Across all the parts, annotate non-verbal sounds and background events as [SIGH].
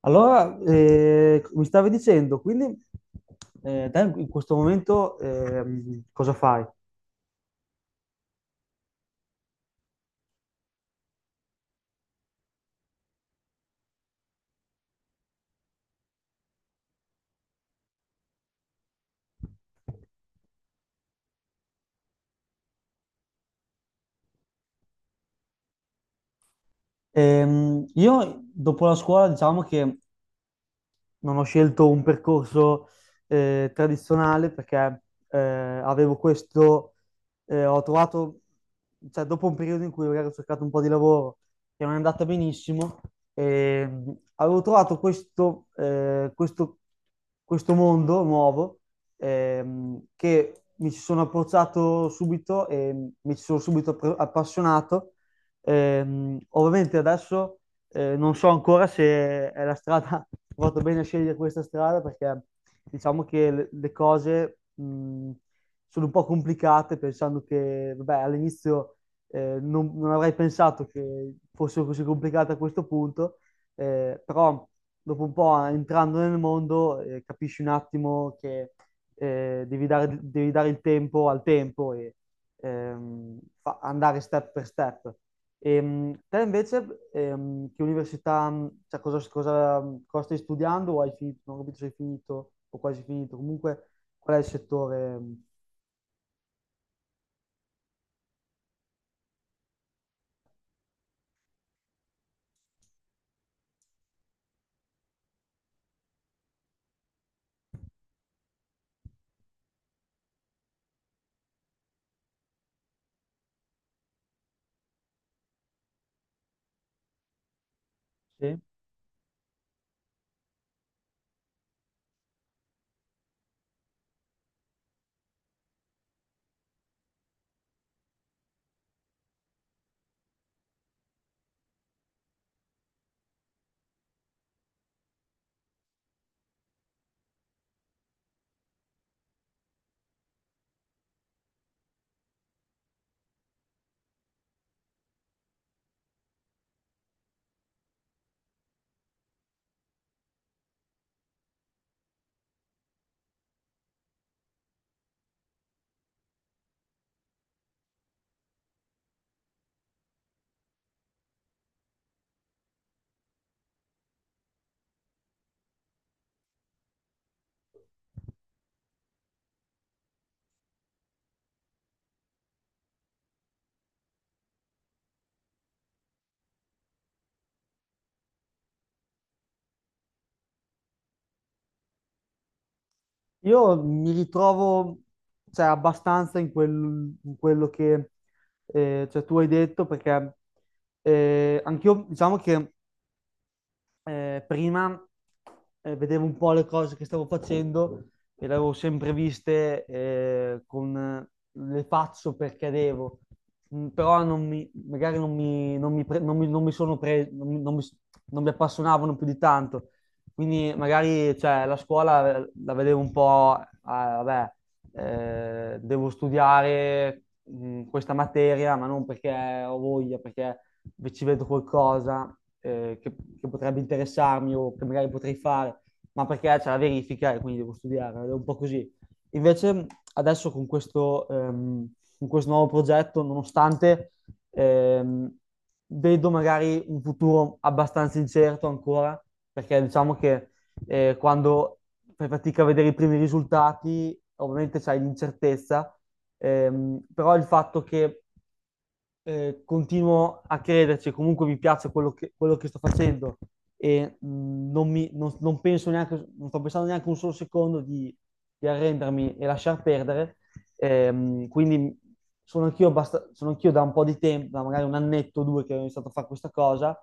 Allora, mi stavi dicendo, quindi te in questo momento, cosa fai? Io dopo la scuola diciamo che non ho scelto un percorso tradizionale perché eh, avevo questo, ho trovato, cioè dopo un periodo in cui magari ho cercato un po' di lavoro che non è andata benissimo, avevo trovato questo mondo nuovo, che mi ci sono approcciato subito e mi ci sono subito appassionato. Ovviamente adesso, non so ancora se è la strada, [LAUGHS] ho fatto bene a scegliere questa strada, perché diciamo che le cose sono un po' complicate, pensando che, vabbè, all'inizio non avrei pensato che fosse così complicata a questo punto, però dopo un po' entrando nel mondo, capisci un attimo che devi dare il tempo al tempo e andare step per step. Te invece, che università, cioè cosa stai studiando o hai finito? Non ho capito se hai finito o quasi finito. Comunque, qual è il settore? Mh? Sì. Io mi ritrovo, cioè, abbastanza in, in quello che cioè, tu hai detto, perché anch'io, diciamo che prima vedevo un po' le cose che stavo facendo e le avevo sempre viste, con le faccio perché devo. Mm, però non mi, magari non mi, non mi pre- non mi- non mi sono preso, non mi appassionavano più di tanto. Quindi magari cioè, la scuola, la vedevo un po', ah, vabbè, devo studiare questa materia, ma non perché ho voglia, perché ci vedo qualcosa che potrebbe interessarmi o che magari potrei fare, ma perché c'è la verifica e quindi devo studiare, è un po' così. Invece adesso con con questo nuovo progetto, nonostante ehm, vedo magari un futuro abbastanza incerto ancora, perché diciamo che quando fai fatica a vedere i primi risultati, ovviamente c'hai l'incertezza, però il fatto che continuo a crederci, comunque mi piace quello che sto facendo, e non penso neanche, non sto pensando neanche un solo secondo di arrendermi e lasciar perdere. Quindi sono anch'io da un po' di tempo, da magari un annetto o due che ho iniziato a fare questa cosa,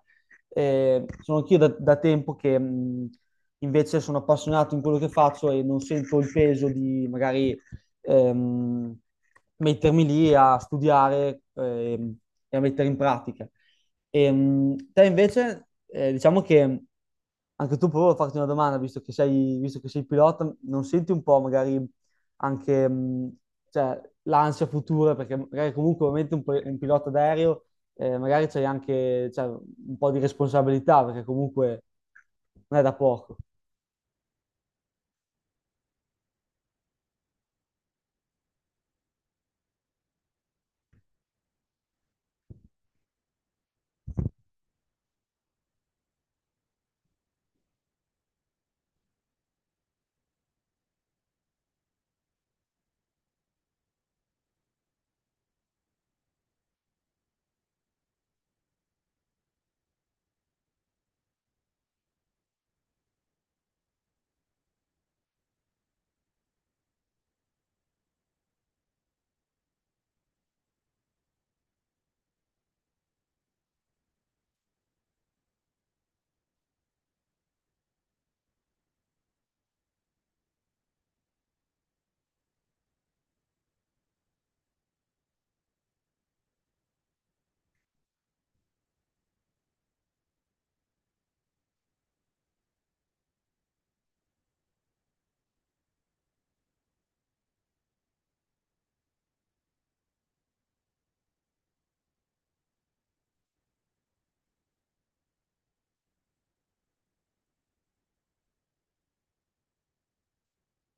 sono anch'io da tempo che invece sono appassionato in quello che faccio e non sento il peso di magari ehm, mettermi lì a studiare e a mettere in pratica. Te invece, diciamo che anche tu, provo a farti una domanda, visto che sei pilota, non senti un po' magari anche cioè, l'ansia futura, perché magari comunque ovviamente un pilota d'aereo, magari c'hai anche cioè, un po' di responsabilità, perché comunque non è da poco.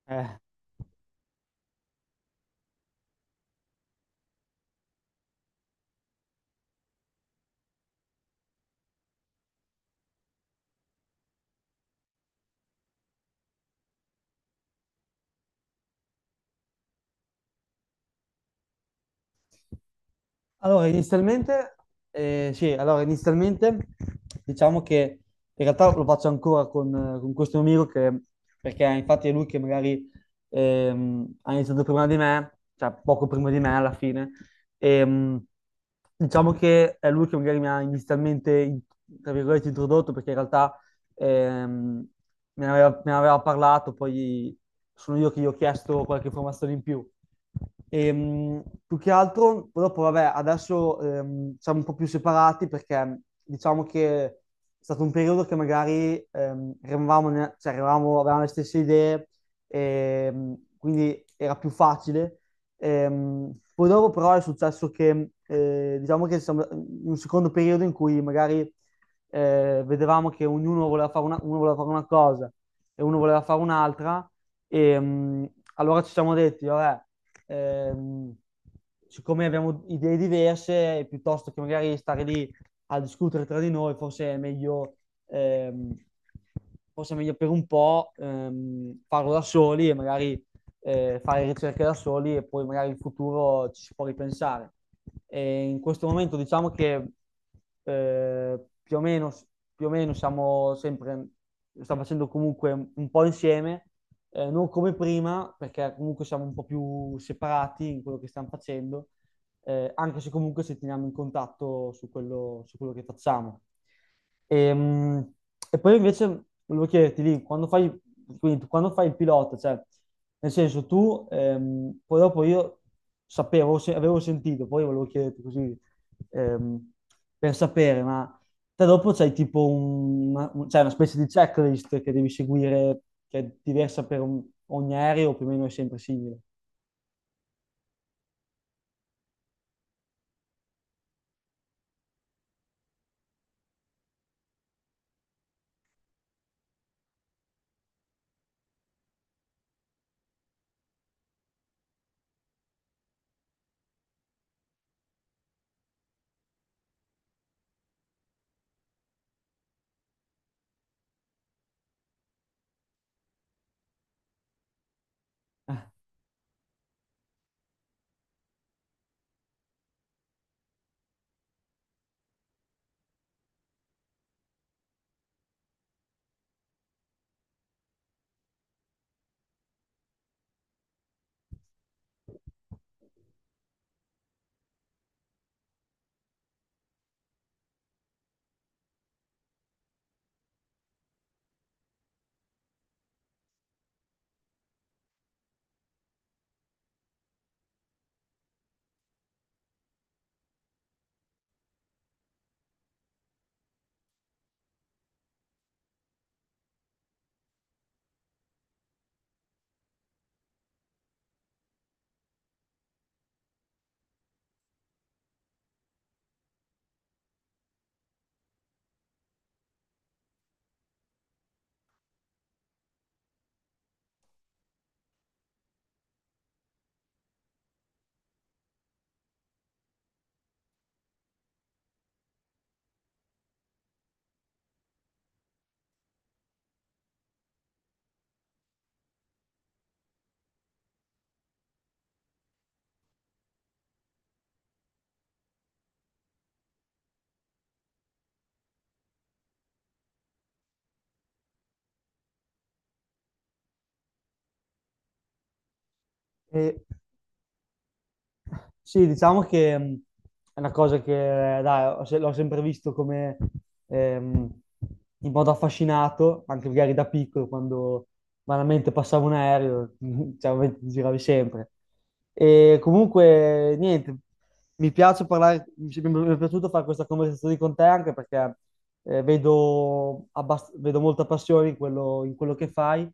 Eh. Allora, inizialmente, sì, allora, inizialmente diciamo che in realtà lo faccio ancora con questo mio amico che, perché infatti è lui che magari ha iniziato prima di me, cioè poco prima di me alla fine. Ehm, diciamo che è lui che magari mi ha tra virgolette introdotto, perché in realtà ehm, me ne aveva parlato, poi sono io che gli ho chiesto qualche informazione in più. Più che altro, dopo, vabbè, adesso siamo un po' più separati perché diciamo che è stato un periodo che magari eravamo, ne- cioè, eravamo- avevamo le stesse idee, quindi era più facile. Poi dopo però è successo che, diciamo che siamo in un secondo periodo in cui magari vedevamo che ognuno voleva fare uno voleva fare una cosa e uno voleva fare un'altra, e allora ci siamo detti, vabbè, ehm, siccome abbiamo idee diverse, piuttosto che magari stare lì a discutere tra di noi, ehm, forse è meglio per un po' farlo da soli e magari fare ricerche da soli e poi magari in futuro ci si può ripensare. E in questo momento diciamo che eh, più o meno, più o meno stiamo facendo comunque un po' insieme, non come prima, perché comunque siamo un po' più separati in quello che stiamo facendo, anche se comunque ci teniamo in contatto su su quello che facciamo. E, mh, e poi invece volevo chiederti lì, quindi tu quando fai il pilota, cioè nel senso, poi dopo io sapevo, avevo sentito, poi volevo chiederti così, ehm, per sapere, ma te dopo c'hai tipo c'hai una specie di checklist che devi seguire, che è diversa per ogni aereo, o più o meno è sempre simile. Sì, diciamo che è una cosa che, dai, ho se- l'ho sempre visto come ehm, in modo affascinato, anche magari da piccolo, quando vanamente passavo un aereo, [LAUGHS] cioè, ovviamente ti giravi sempre. E comunque, niente, mi piace parlare, mi è piaciuto fare questa conversazione con te, anche perché vedo, vedo molta passione in in quello che fai,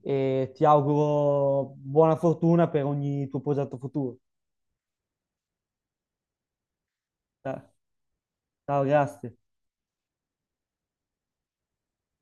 e ti auguro buona fortuna per ogni tuo progetto futuro. Eh. Ciao, grazie.